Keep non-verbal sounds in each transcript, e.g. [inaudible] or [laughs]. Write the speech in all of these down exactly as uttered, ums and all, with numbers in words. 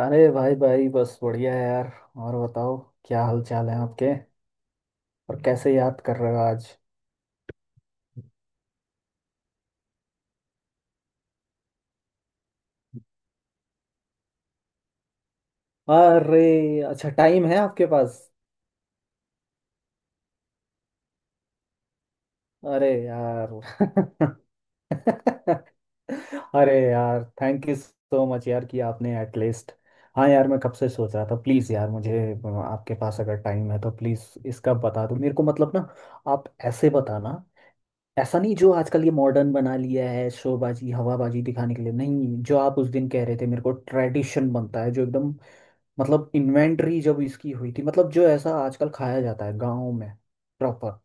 अरे भाई भाई बस बढ़िया है यार। और बताओ, क्या हाल चाल है आपके। और कैसे याद कर रहे हो आज। अरे अच्छा टाइम है आपके पास। अरे यार [laughs] अरे यार, थैंक यू सो मच यार कि आपने एटलीस्ट। हाँ यार, मैं कब से सोच रहा था। प्लीज़ यार मुझे अ, आपके पास अगर टाइम है तो प्लीज़ इसका बता दो मेरे को। मतलब ना, आप ऐसे बताना। ऐसा नहीं जो आजकल ये मॉडर्न बना लिया है शोबाजी हवाबाजी दिखाने के लिए। नहीं, जो आप उस दिन कह रहे थे मेरे को ट्रेडिशन बनता है जो एकदम। मतलब इन्वेंटरी जब इसकी हुई थी, मतलब जो ऐसा आजकल खाया जाता है गाँव में। प्रॉपर।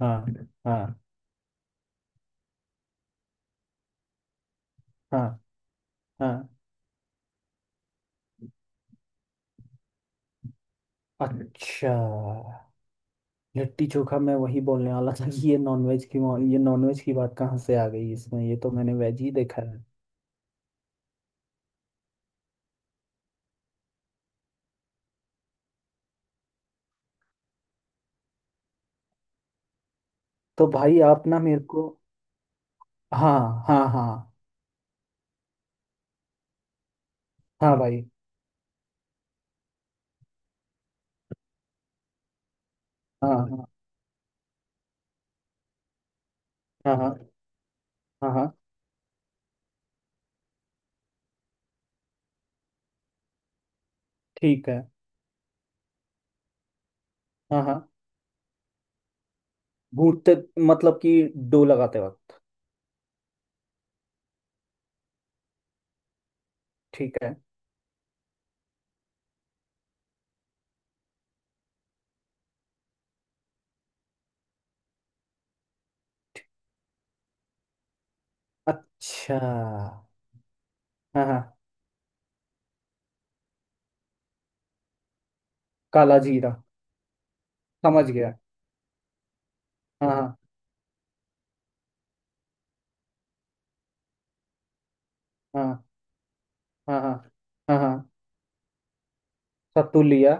हाँ हाँ हाँ हाँ। अच्छा। लिट्टी चोखा, मैं वही बोलने वाला था कि ये नॉनवेज की। ये नॉनवेज की बात कहाँ से आ गई इसमें, ये तो मैंने वेज ही देखा है। तो भाई आप ना मेरे को। हाँ हाँ हाँ। हाँ भाई। हाँ हाँ हाँ हाँ हाँ हाँ। ठीक है। हाँ हाँ। भूनते, मतलब कि डो लगाते वक्त। ठीक है। अच्छा। हाँ हाँ। काला जीरा। समझ गया। हाँ। हाँ हाँ हाँ हाँ हाँ हाँ। सत्तू लिया।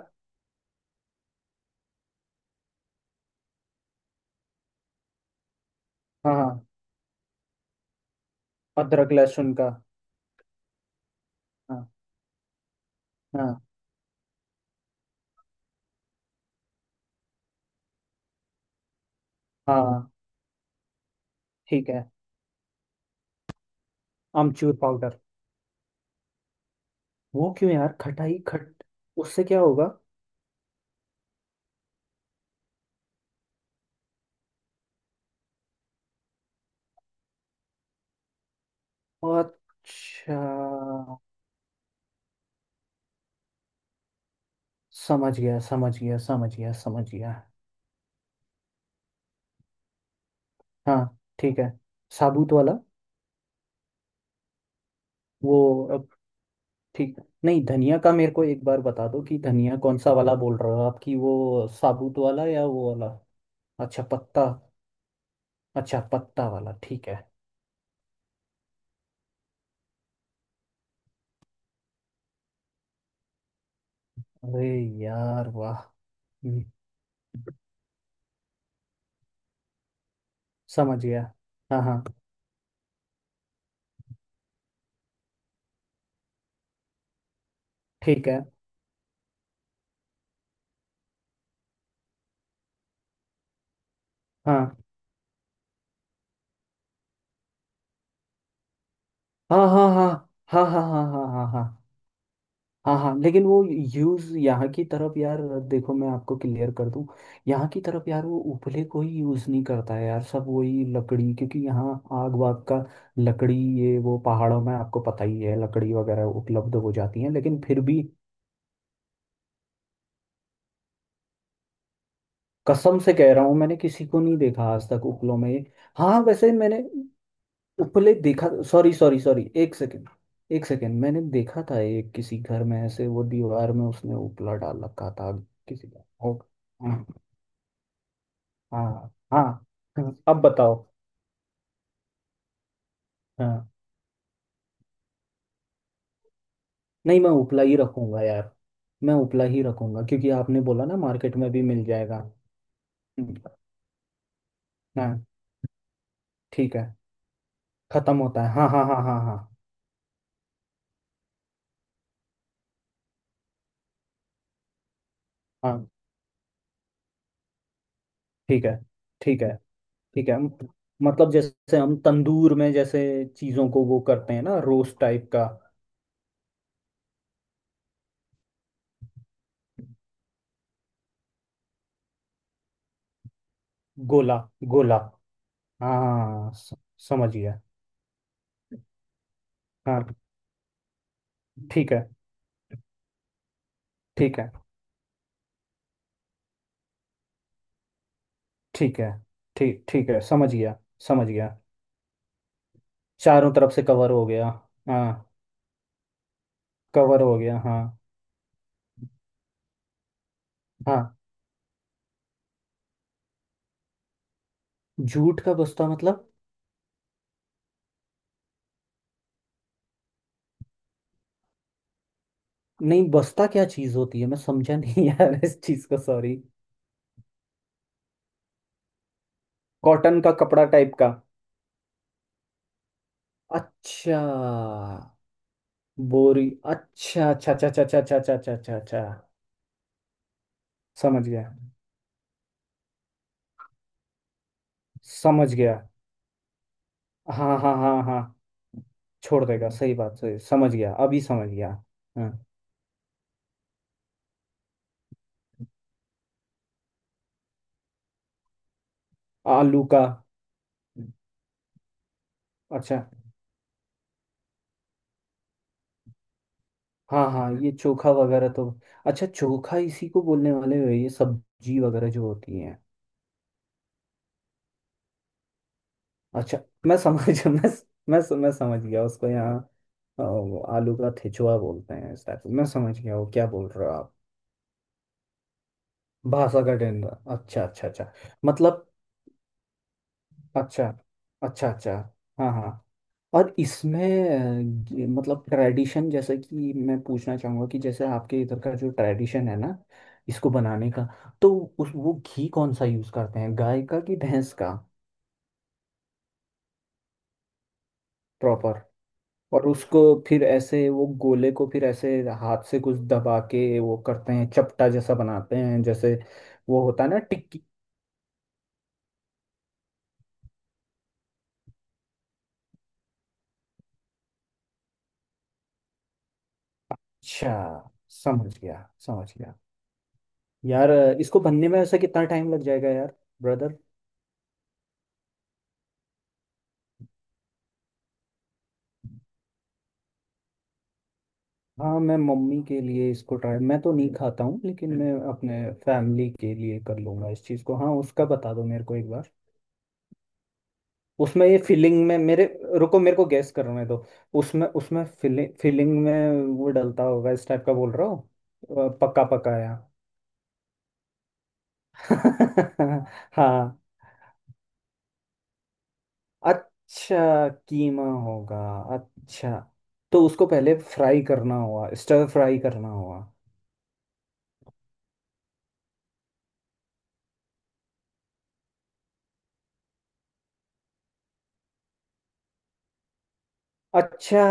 हाँ हाँ। अदरक लहसुन का। हाँ। हाँ। हाँ हाँ। ठीक है। आमचूर पाउडर। वो क्यों यार, खटाई खट, उससे क्या होगा। अच्छा। समझ गया, समझ गया, समझ गया, समझ गया। हाँ ठीक है। साबुत वाला। वो ठीक। नहीं, धनिया का मेरे को एक बार बता दो कि धनिया कौन सा वाला बोल रहे हो आप, कि वो साबुत वाला या वो वाला। अच्छा पत्ता। अच्छा पत्ता वाला ठीक है। अरे यार वाह। हम्म। समझ गया। हाँ हाँ। ठीक है। हाँ हाँ हाँ हाँ हाँ हाँ हाँ हाँ हाँ हाँ। हाँ हाँ लेकिन वो यूज यहाँ की तरफ यार। देखो मैं आपको क्लियर कर दूं, यहाँ की तरफ यार वो उपले को ही यूज नहीं करता है यार, सब वही लकड़ी। क्योंकि यहाँ आग वाग का लकड़ी, ये वो पहाड़ों में आपको पता ही है लकड़ी वगैरह उपलब्ध हो जाती है, लेकिन फिर भी कसम से कह रहा हूँ मैंने किसी को नहीं देखा आज तक उपलों में ये। हाँ, वैसे मैंने उपले देखा। सॉरी सॉरी सॉरी, एक सेकेंड, एक सेकेंड। मैंने देखा था एक किसी घर में ऐसे, वो दीवार में उसने उपला डाल रखा था किसी का। हाँ। हाँ हाँ। अब बताओ। हाँ। नहीं, मैं उपला ही रखूंगा यार। मैं उपला ही रखूंगा, क्योंकि आपने बोला ना मार्केट में भी मिल जाएगा। हम्म। हाँ। ठीक है। खत्म होता है, हाँ हाँ हाँ हाँ हाँ हाँ। ठीक है। ठीक है। ठीक है म- मतलब जैसे हम तंदूर में जैसे चीजों को वो करते हैं ना, रोस्ट टाइप का। गोला, गोला। हाँ स- समझ गया। हाँ। ठीक है। ठीक है। ठीक है। ठीक, ठीक है, समझ गया। समझ गया। चारों तरफ से कवर हो गया। हाँ, कवर हो गया। हाँ। हाँ। जूट का बस्ता मतलब? नहीं, बस्ता क्या चीज होती है, मैं समझा नहीं [laughs] यार इस चीज को, सॉरी। कॉटन का कपड़ा टाइप का? अच्छा, बोरी। अच्छा अच्छा अच्छा अच्छा अच्छा अच्छा अच्छा अच्छा अच्छा अच्छा। समझ गया। समझ गया। हाँ हाँ हाँ हाँ। छोड़ देगा, सही बात, सही, समझ गया, अभी समझ गया। हाँ। आलू का। अच्छा। हाँ हाँ, ये चोखा वगैरह तो। अच्छा, चोखा इसी को बोलने वाले हो, ये सब्जी वगैरह जो होती है। अच्छा। मैं समझ [laughs] मैं मैं मैं समझ गया उसको। यहाँ अ, वो आलू का ठेचुआ बोलते हैं इस टाइप। मैं समझ गया वो क्या बोल रहे हो आप। भाषा का डंडा। अच्छा अच्छा अच्छा। मतलब। अच्छा अच्छा अच्छा। हाँ हाँ। और इसमें अ, ये मतलब ट्रेडिशन, जैसे कि मैं पूछना चाहूँगा कि जैसे आपके इधर का जो ट्रेडिशन है ना इसको बनाने का, तो उस वो घी कौन सा यूज़ करते हैं, गाय का कि भैंस का। प्रॉपर। और उसको फिर ऐसे वो गोले को फिर ऐसे हाथ से कुछ दबा के वो करते हैं, चपटा जैसा बनाते हैं जैसे। वो होता है ना टिक्की। अच्छा। समझ गया। समझ गया यार। इसको बनने में ऐसा कितना टाइम लग जाएगा यार ब्रदर। हाँ, मैं मम्मी के लिए इसको ट्राई, मैं तो नहीं खाता हूँ, लेकिन मैं अपने फैमिली के लिए कर लूँगा इस चीज़ को। हाँ उसका बता दो मेरे को एक बार। उसमें ये फीलिंग में मेरे, रुको मेरे को गेस करने दो। उसमें, उसमें फीलिंग, फीलिंग में वो डलता होगा इस टाइप का बोल रहा हो अ, पक्का पकाया। [laughs] हाँ। अच्छा कीमा होगा। अच्छा, तो उसको पहले फ्राई करना हुआ, स्टर फ्राई करना हुआ। अच्छा।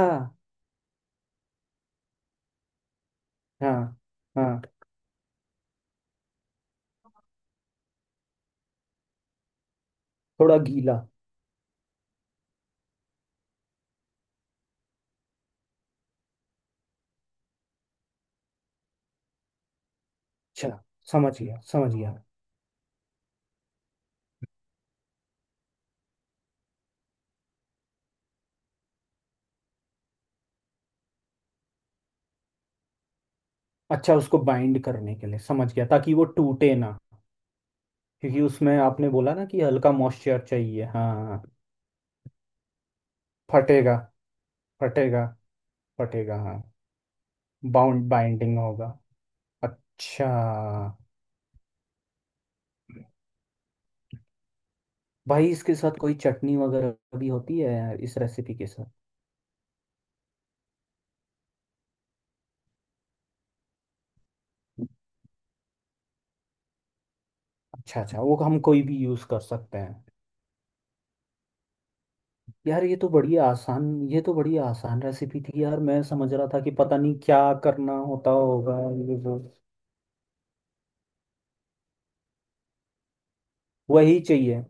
हाँ हाँ। थोड़ा गीला। अच्छा, समझ गया समझ गया। अच्छा, उसको बाइंड करने के लिए, समझ गया, ताकि वो टूटे ना। क्योंकि उसमें आपने बोला ना कि हल्का मॉइस्चर चाहिए। हाँ, फटेगा, फटेगा, फटेगा। हाँ, बाउंड, बाइंडिंग होगा। अच्छा। भाई इसके साथ कोई चटनी वगैरह भी होती है इस रेसिपी के साथ? अच्छा अच्छा, वो हम कोई भी यूज़ कर सकते हैं। यार ये तो बड़ी आसान, ये तो बड़ी आसान रेसिपी थी यार। मैं समझ रहा था कि पता नहीं क्या करना होता होगा ये वो, वही चाहिए।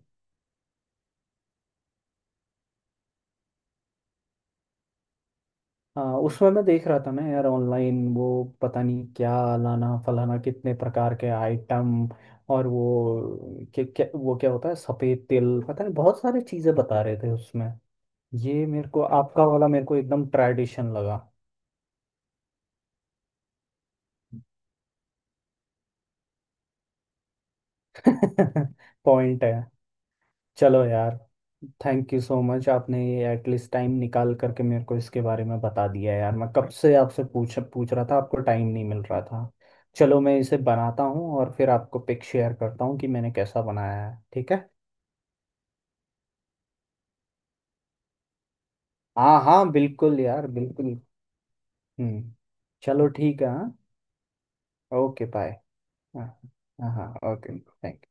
हाँ, उसमें मैं देख रहा था ना यार ऑनलाइन वो, पता नहीं क्या लाना फलाना, कितने प्रकार के आइटम। और वो क्या क्या, वो क्या होता है सफ़ेद तिल, पता नहीं बहुत सारी चीज़ें बता रहे थे उसमें। ये मेरे को आपका वाला मेरे को एकदम ट्रेडिशन लगा। [laughs] पॉइंट है। चलो यार, थैंक यू सो मच आपने ये एटलीस्ट टाइम निकाल करके मेरे को इसके बारे में बता दिया। यार मैं कब से आपसे पूछ पूछ रहा था, आपको टाइम नहीं मिल रहा था। चलो मैं इसे बनाता हूँ और फिर आपको पिक शेयर करता हूँ कि मैंने कैसा बनाया है, ठीक है। हाँ हाँ बिल्कुल यार, बिल्कुल। हम्म। चलो ठीक है। हाँ। Okay bye. हाँ हाँ ओके थैंक।